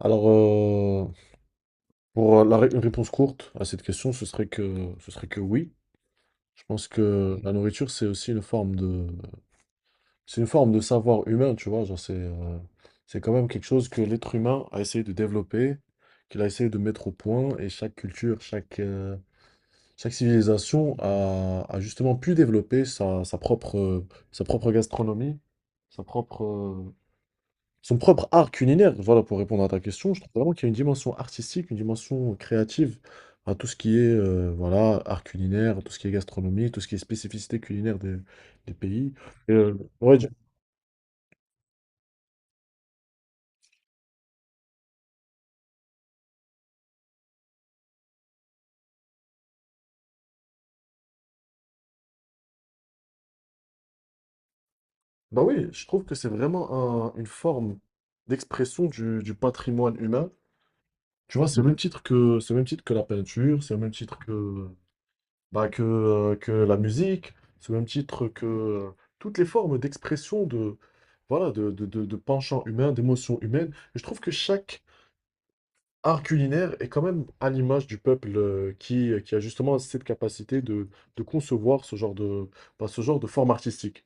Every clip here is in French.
Alors, pour une réponse courte à cette question, ce serait ce serait que oui. Je pense que la nourriture, c'est aussi une c'est une forme de savoir humain, tu vois. Genre, c'est quand même quelque chose que l'être humain a essayé de développer, qu'il a essayé de mettre au point, et chaque culture, chaque civilisation a justement pu développer sa propre gastronomie, sa propre, son propre art culinaire, voilà. Pour répondre à ta question, je trouve vraiment qu'il y a une dimension artistique, une dimension créative à tout ce qui est voilà, art culinaire, tout ce qui est gastronomie, tout ce qui est spécificité culinaire des pays. Et, euh, ouais, je- bah oui, je trouve que c'est vraiment une forme d'expression du patrimoine humain. Tu vois, c'est au même titre c'est au même titre que la peinture, c'est au même titre que bah, que la musique, sous le même titre que toutes les formes d'expression de, voilà, de penchants humains, d'émotions humaines. Et je trouve que chaque art culinaire est quand même à l'image du peuple qui a justement cette capacité de concevoir ce genre de, bah, ce genre de forme artistique.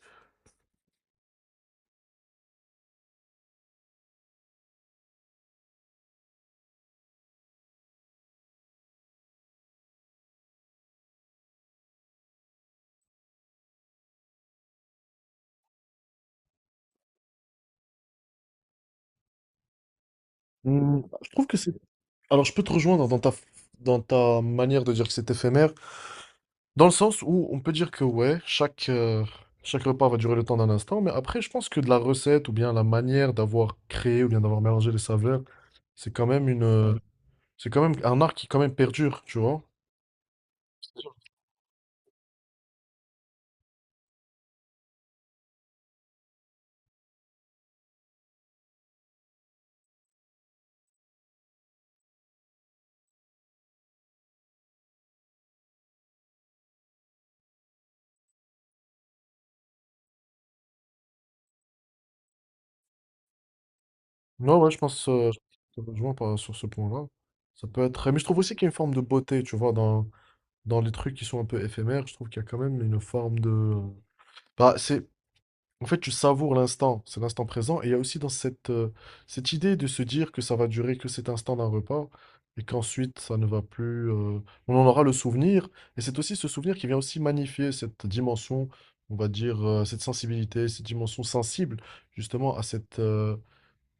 Hmm, je trouve que c'est... Alors, je peux te rejoindre dans dans ta manière de dire que c'est éphémère. Dans le sens où on peut dire que ouais, chaque repas va durer le temps d'un instant, mais après, je pense que de la recette ou bien la manière d'avoir créé ou bien d'avoir mélangé les saveurs, c'est quand même une, c'est quand même un art qui quand même perdure, tu vois. Non, ouais, je pense, je te rejoins par- sur ce point-là. Ça peut être, mais je trouve aussi qu'il y a une forme de beauté, tu vois, dans, dans les trucs qui sont un peu éphémères. Je trouve qu'il y a quand même une forme de, bah, c'est... En fait, tu savoures l'instant, c'est l'instant présent. Et il y a aussi dans cette, cette idée de se dire que ça va durer que cet instant d'un repas et qu'ensuite ça ne va plus. On en aura le souvenir. Et c'est aussi ce souvenir qui vient aussi magnifier cette dimension, on va dire, cette sensibilité, cette dimension sensible justement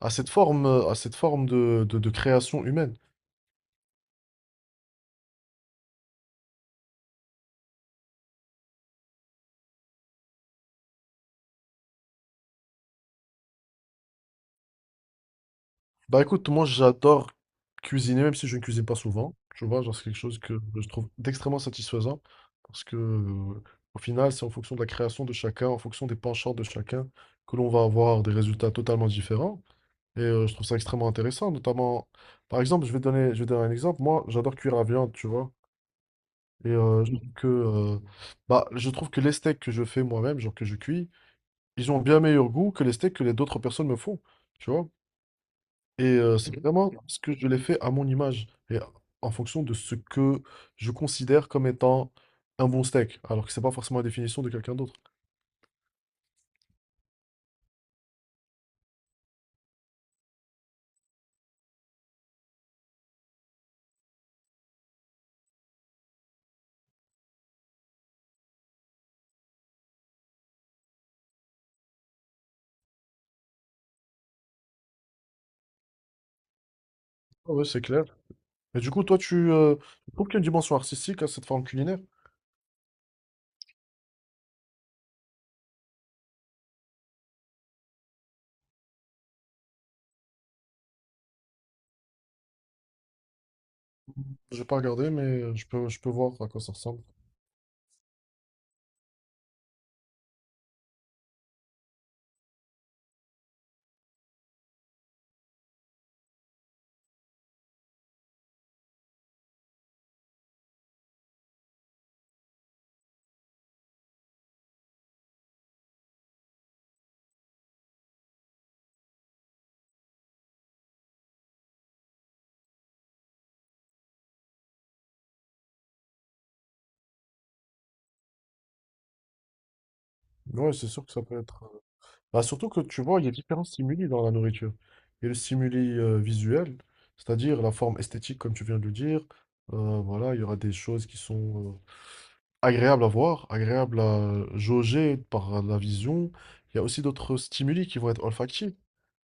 à cette forme de de création humaine. Bah écoute, moi j'adore cuisiner, même si je ne cuisine pas souvent. Tu vois, genre c'est quelque chose que je trouve d'extrêmement satisfaisant. Parce que au final, c'est en fonction de la création de chacun, en fonction des penchants de chacun, que l'on va avoir des résultats totalement différents. Et je trouve ça extrêmement intéressant. Notamment, par exemple, je vais donner un exemple. Moi, j'adore cuire la viande, tu vois. Et je trouve bah, je trouve que les steaks que je fais moi-même, genre que je cuis, ils ont bien meilleur goût que les steaks que les d'autres personnes me font. Tu vois? Et c'est Mhm. vraiment ce que je l'ai fait à mon image et en fonction de ce que je considère comme étant un bon steak, alors que c'est pas forcément la définition de quelqu'un d'autre. Ah ouais, c'est clair. Et du coup, toi, tu trouves qu'il y a une dimension artistique à cette forme culinaire? J'ai pas regardé, mais je peux voir à quoi ça ressemble. Ouais, c'est sûr que ça peut être. Bah, surtout que tu vois, il y a différents stimuli dans la nourriture. Il y a le stimuli visuel, c'est-à-dire la forme esthétique, comme tu viens de le dire. Voilà, il y aura des choses qui sont agréables à voir, agréables à jauger par la vision. Il y a aussi d'autres stimuli qui vont être olfactifs,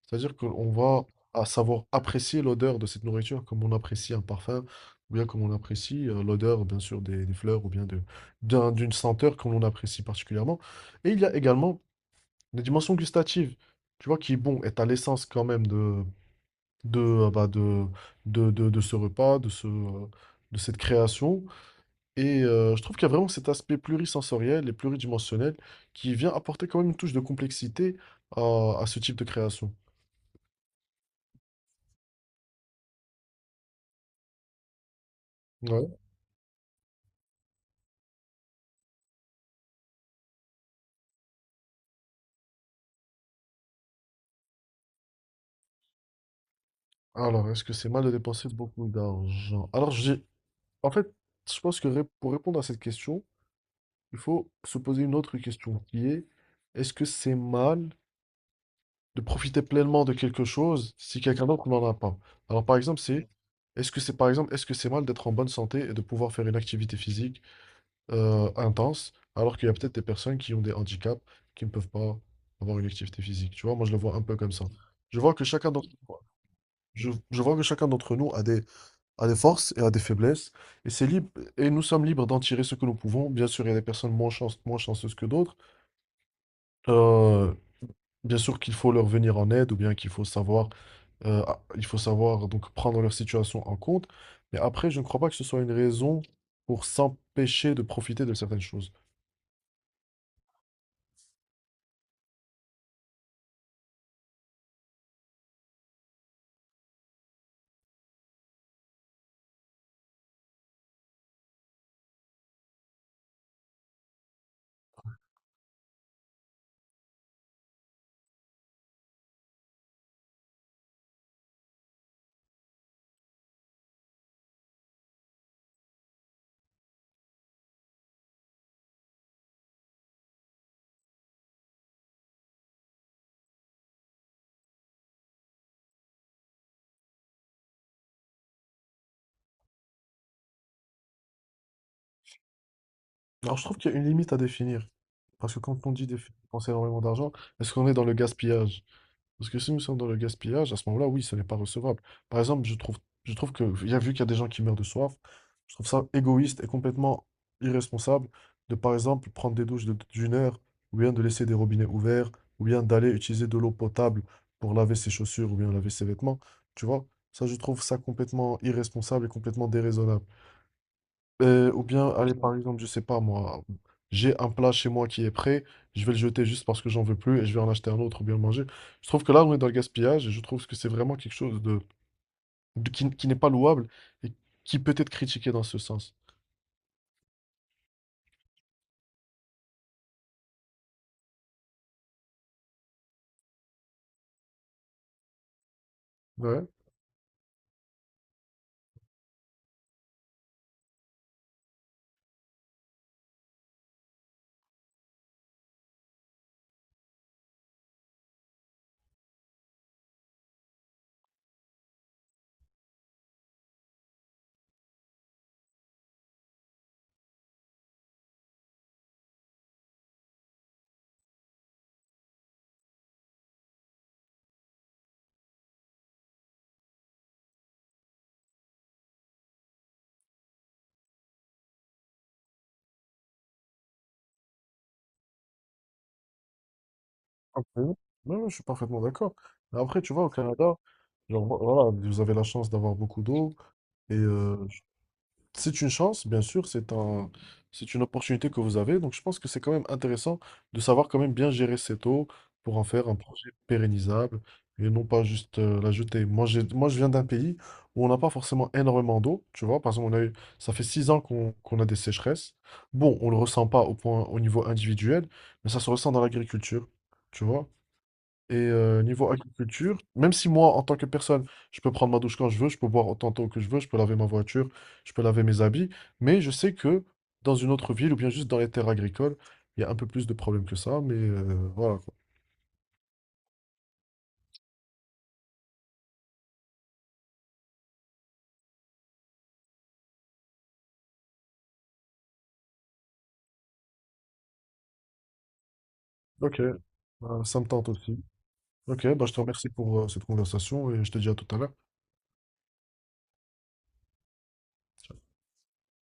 c'est-à-dire qu'on va à savoir apprécier l'odeur de cette nourriture comme on apprécie un parfum, ou bien comme on apprécie l'odeur, bien sûr, des fleurs, ou bien de, d'une senteur que l'on apprécie particulièrement. Et il y a également une dimension gustative, tu vois, qui est bon, et t'as l'essence quand même de, bah, de ce repas, de ce, de cette création. Et je trouve qu'il y a vraiment cet aspect plurisensoriel et pluridimensionnel qui vient apporter quand même une touche de complexité à, à ce type de création. Ouais. Alors, est-ce que c'est mal de dépenser beaucoup d'argent? Alors, j'ai, en fait, je pense que pour répondre à cette question, il faut se poser une autre question qui est, est-ce que c'est mal de profiter pleinement de quelque chose si quelqu'un d'autre n'en a pas. Alors par exemple, c'est est-ce que c'est par exemple, est-ce que c'est mal d'être en bonne santé et de pouvoir faire une activité physique intense alors qu'il y a peut-être des personnes qui ont des handicaps qui ne peuvent pas avoir une activité physique. Tu vois, moi je le vois un peu comme ça. Je vois que chacun d'entre je vois que chacun d'entre nous a des forces et a des faiblesses et c'est libre et nous sommes libres d'en tirer ce que nous pouvons. Bien sûr, il y a des personnes moins chanceuses que d'autres. Euh, Bien sûr qu'il faut leur venir en aide ou bien qu'il faut savoir il faut savoir donc prendre leur situation en compte. Mais après, je ne crois pas que ce soit une raison pour s'empêcher de profiter de certaines choses. Alors, je trouve qu'il y a une limite à définir. Parce que quand on dit dépenser énormément d'argent, est-ce qu'on est dans le gaspillage? Parce que si nous sommes dans le gaspillage, à ce moment-là, oui, ce n'est pas recevable. Par exemple, je trouve que, il y a vu qu'il y a des gens qui meurent de soif, je trouve ça égoïste et complètement irresponsable de, par exemple, prendre des douches d'une heure, ou bien de laisser des robinets ouverts, ou bien d'aller utiliser de l'eau potable pour laver ses chaussures, ou bien laver ses vêtements. Tu vois, ça, je trouve ça complètement irresponsable et complètement déraisonnable. Ou bien, allez, par exemple, je sais pas moi, j'ai un plat chez moi qui est prêt, je vais le jeter juste parce que j'en veux plus et je vais en acheter un autre ou bien le manger. Je trouve que là, on est dans le gaspillage et je trouve que c'est vraiment quelque chose de, qui n'est pas louable et qui peut être critiqué dans ce sens. Ouais, absolument. Ouais, ouais, je suis parfaitement d'accord. Mais après, tu vois, au Canada, genre, voilà, vous avez la chance d'avoir beaucoup d'eau. Et c'est une chance, bien sûr, c'est un, c'est une opportunité que vous avez. Donc, je pense que c'est quand même intéressant de savoir quand même bien gérer cette eau pour en faire un projet pérennisable et non pas juste la jeter. Moi, je viens d'un pays où on n'a pas forcément énormément d'eau. Tu vois, par exemple, on a eu, ça fait 6 ans qu'on a des sécheresses. Bon, on le ressent pas au point, au niveau individuel, mais ça se ressent dans l'agriculture. Tu vois, et niveau agriculture, même si moi, en tant que personne, je peux prendre ma douche quand je veux, je peux boire autant de que je veux, je peux laver ma voiture, je peux laver mes habits, mais je sais que dans une autre ville ou bien juste dans les terres agricoles, il y a un peu plus de problèmes que ça, mais voilà quoi. Ok, bah, ça me tente aussi. Ok, bah, je te remercie pour cette conversation et je te dis à tout à l'heure.